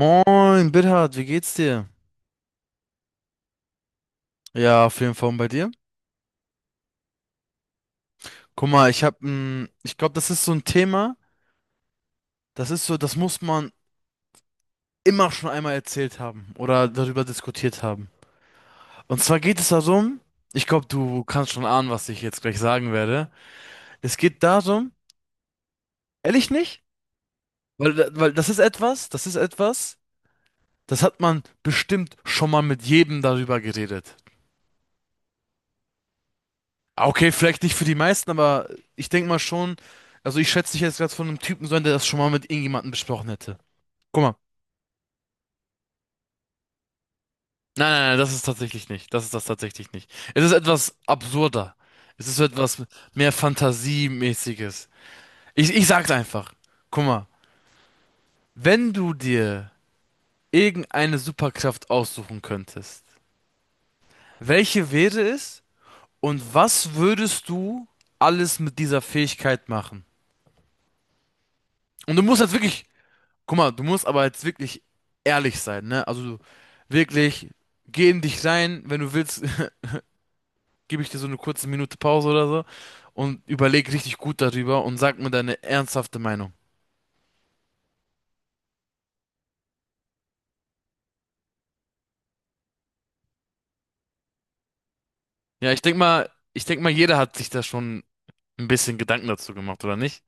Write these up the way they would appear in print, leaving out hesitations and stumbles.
Moin, Bithard, wie geht's dir? Ja, auf jeden Fall, und bei dir? Guck mal, ich hab, ein, ich glaube, das ist so ein Thema, das ist so, das muss man immer schon einmal erzählt haben oder darüber diskutiert haben. Und zwar geht es darum, ich glaube, du kannst schon ahnen, was ich jetzt gleich sagen werde. Es geht darum, ehrlich nicht? Weil, weil das ist etwas, das ist etwas, das hat man bestimmt schon mal mit jedem darüber geredet. Okay, vielleicht nicht für die meisten, aber ich denke mal schon, also ich schätze dich jetzt gerade von einem Typen so ein, der das schon mal mit irgendjemandem besprochen hätte. Guck mal. Nein, nein, nein, das ist tatsächlich nicht. Das ist das tatsächlich nicht. Es ist etwas absurder. Es ist so etwas mehr Fantasiemäßiges. Ich sag's einfach. Guck mal, wenn du dir irgendeine Superkraft aussuchen könntest, welche wäre es und was würdest du alles mit dieser Fähigkeit machen? Und du musst jetzt wirklich. Guck mal, du musst aber jetzt wirklich ehrlich sein, ne? Also wirklich, geh in dich rein, wenn du willst, gebe ich dir so eine kurze Minute Pause oder so und überleg richtig gut darüber und sag mir deine ernsthafte Meinung. Ja, ich denk mal, jeder hat sich da schon ein bisschen Gedanken dazu gemacht, oder nicht?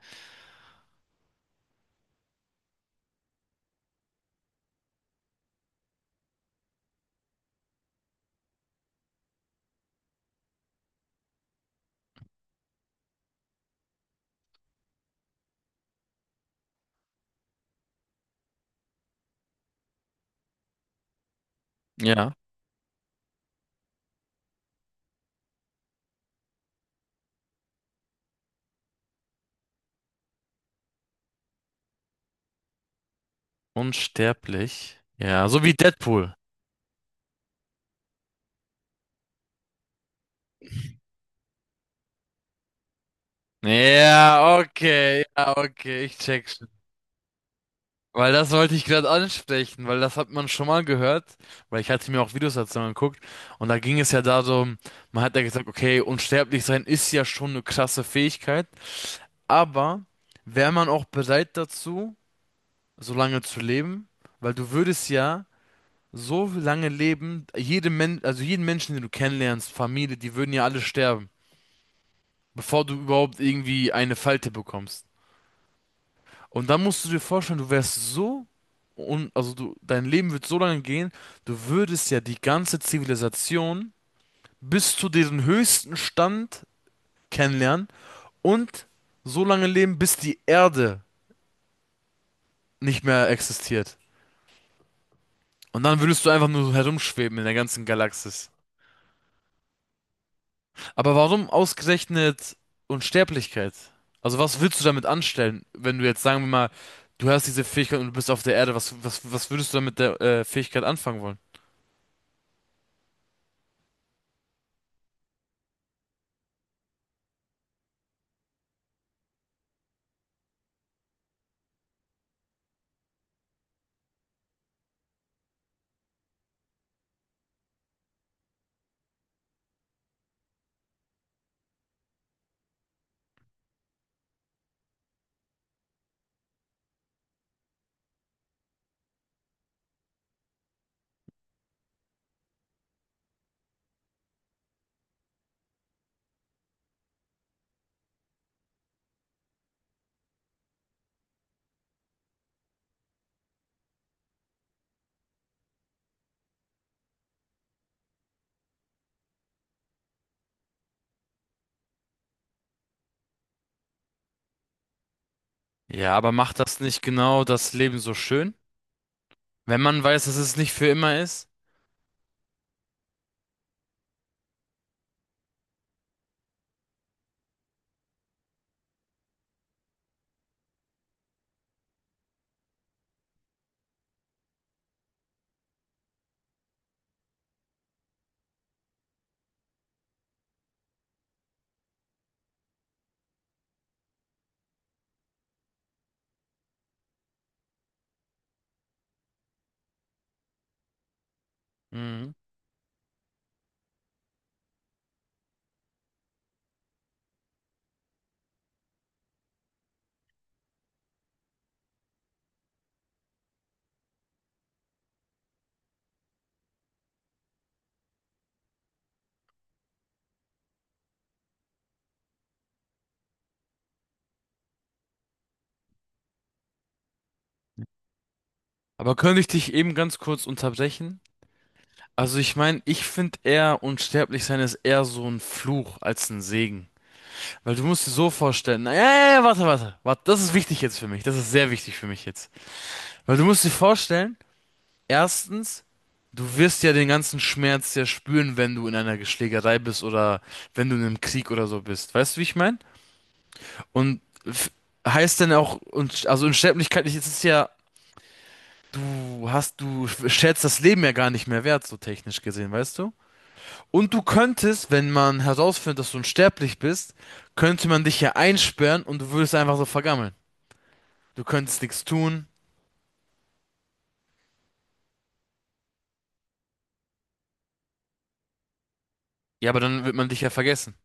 Ja. Unsterblich. Ja, so wie Deadpool. Ja, okay, ja, okay, ich check's. Weil das wollte ich gerade ansprechen, weil das hat man schon mal gehört, weil ich hatte mir auch Videos dazu angeguckt und da ging es ja darum, man hat ja gesagt, okay, unsterblich sein ist ja schon eine krasse Fähigkeit, aber wäre man auch bereit dazu, so lange zu leben? Weil du würdest ja so lange leben, jede Men also jeden Menschen, den du kennenlernst, Familie, die würden ja alle sterben, bevor du überhaupt irgendwie eine Falte bekommst. Und dann musst du dir vorstellen, du wärst so und also du dein Leben wird so lange gehen, du würdest ja die ganze Zivilisation bis zu diesem höchsten Stand kennenlernen und so lange leben, bis die Erde nicht mehr existiert. Und dann würdest du einfach nur so herumschweben in der ganzen Galaxis. Aber warum ausgerechnet Unsterblichkeit? Also was willst du damit anstellen, wenn du jetzt, sagen wir mal, du hast diese Fähigkeit und du bist auf der Erde, was würdest du damit der Fähigkeit anfangen wollen? Ja, aber macht das nicht genau das Leben so schön? Wenn man weiß, dass es nicht für immer ist? Mhm. Aber könnte ich dich eben ganz kurz unterbrechen? Also ich meine, ich finde, eher unsterblich sein ist eher so ein Fluch als ein Segen. Weil du musst dir so vorstellen, na, ja, ja, ja, warte, warte, warte, das ist wichtig jetzt für mich, das ist sehr wichtig für mich jetzt. Weil du musst dir vorstellen, erstens, du wirst ja den ganzen Schmerz ja spüren, wenn du in einer Geschlägerei bist oder wenn du in einem Krieg oder so bist. Weißt du, wie ich meine? Und f- heißt denn auch, und also Unsterblichkeit ist es ja, du hast, du schätzt das Leben ja gar nicht mehr wert, so technisch gesehen, weißt du? Und du könntest, wenn man herausfindet, dass du unsterblich bist, könnte man dich ja einsperren und du würdest einfach so vergammeln. Du könntest nichts tun. Ja, aber dann wird man dich ja vergessen.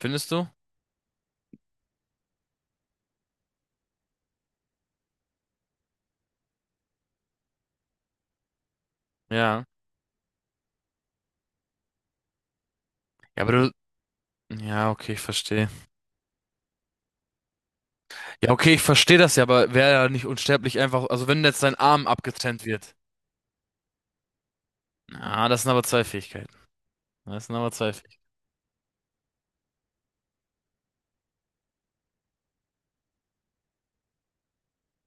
Findest du? Ja. Ja, aber du. Ja, okay, ich verstehe. Ja, okay, ich verstehe das ja, aber wäre ja nicht unsterblich einfach, also wenn jetzt dein Arm abgetrennt wird. Ah, das sind aber zwei Fähigkeiten. Das sind aber zwei Fähigkeiten.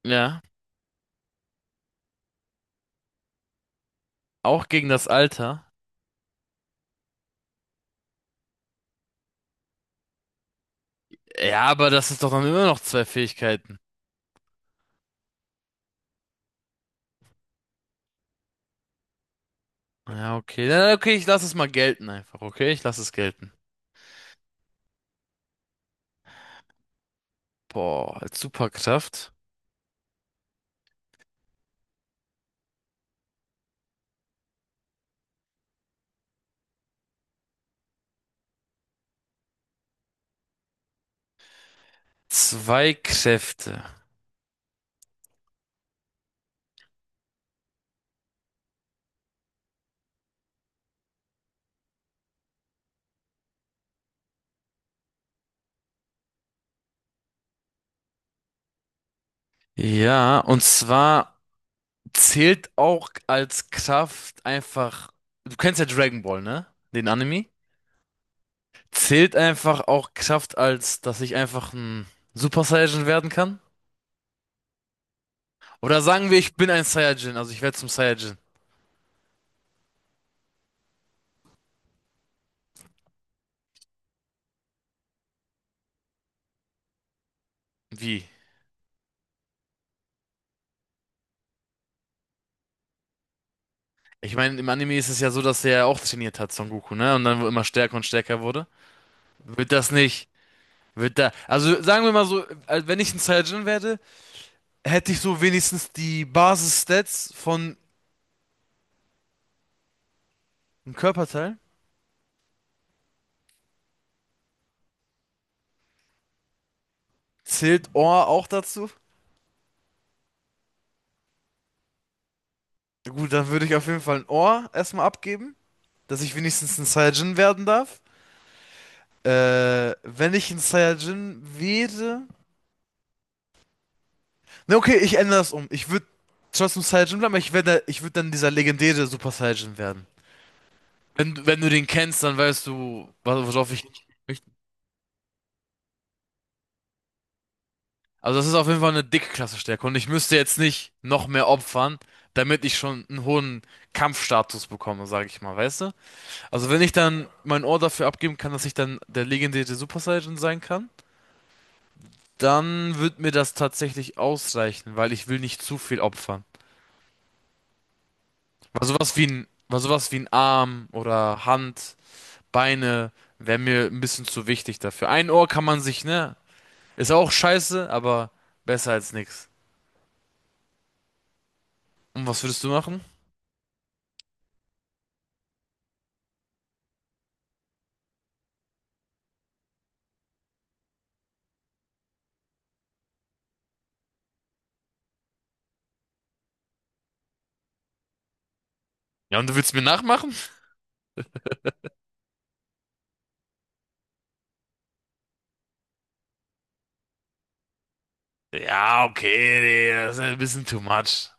Ja. Auch gegen das Alter? Ja, aber das ist doch dann immer noch zwei Fähigkeiten. Ja, okay. Na, okay, ich lasse es mal gelten einfach, okay? Ich lasse es gelten. Boah, als Superkraft. Zwei Kräfte. Ja, und zwar zählt auch als Kraft einfach. Du kennst ja Dragon Ball, ne? Den Anime. Zählt einfach auch Kraft als, dass ich einfach ein Super Saiyajin werden kann? Oder sagen wir, ich bin ein Saiyajin, also ich werde zum Saiyajin. Wie? Ich meine, im Anime ist es ja so, dass er ja auch trainiert hat, Son Goku, ne? Und dann immer stärker und stärker wurde. Wird das nicht, wird da, also sagen wir mal so, als wenn ich ein Saiyajin werde, hätte ich so wenigstens die Basis-Stats von einem Körperteil. Zählt Ohr auch dazu? Gut, dann würde ich auf jeden Fall ein Ohr erstmal abgeben, dass ich wenigstens ein Saiyajin werden darf. Wenn ich ein Saiyajin wäre, ne, okay, ich ändere das um. Ich würde trotzdem Saiyajin bleiben, aber ich würde dann dieser legendäre Super Saiyajin werden. Wenn du den kennst, dann weißt du, worauf ich. Also das ist auf jeden Fall eine dicke Klasse stärker und ich müsste jetzt nicht noch mehr opfern, damit ich schon einen hohen Kampfstatus bekomme, sage ich mal, weißt du? Also wenn ich dann mein Ohr dafür abgeben kann, dass ich dann der legendäre Super Saiyan sein kann, dann wird mir das tatsächlich ausreichen, weil ich will nicht zu viel opfern. Weil sowas wie ein Arm oder Hand, Beine wäre mir ein bisschen zu wichtig dafür. Ein Ohr kann man sich, ne, ist auch scheiße, aber besser als nix. Und was würdest du machen? Ja, und du willst mir nachmachen? Ja, okay, nee, das ist ein bisschen too much.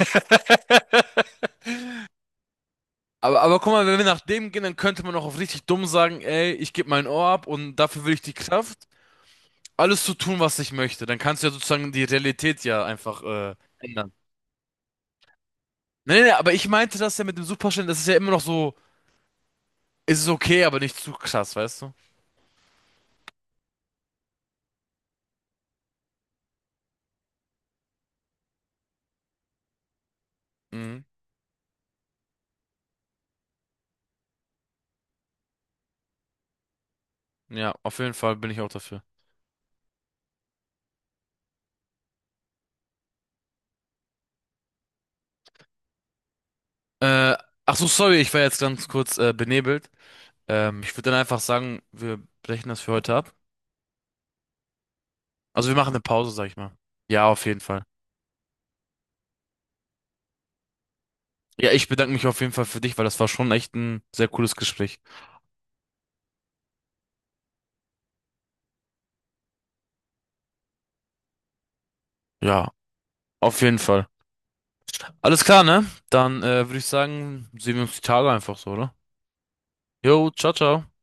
Aber guck mal, wenn wir nach dem gehen, dann könnte man auch auf richtig dumm sagen, ey, ich gebe mein Ohr ab und dafür will ich die Kraft, alles zu tun, was ich möchte. Dann kannst du ja sozusagen die Realität ja einfach ändern. Nee, nee, aber ich meinte das ja mit dem Superstellen, das ist ja immer noch so. Ist es ist okay, aber nicht zu krass, weißt du? Mhm. Ja, auf jeden Fall bin ich auch dafür. Äh, ach so, sorry, ich war jetzt ganz kurz benebelt. Ich würde dann einfach sagen, wir brechen das für heute ab. Also wir machen eine Pause, sag ich mal. Ja, auf jeden Fall. Ja, ich bedanke mich auf jeden Fall für dich, weil das war schon echt ein sehr cooles Gespräch. Ja, auf jeden Fall. Alles klar, ne? Dann würde ich sagen, sehen wir uns die Tage einfach so, oder? Jo, ciao, ciao.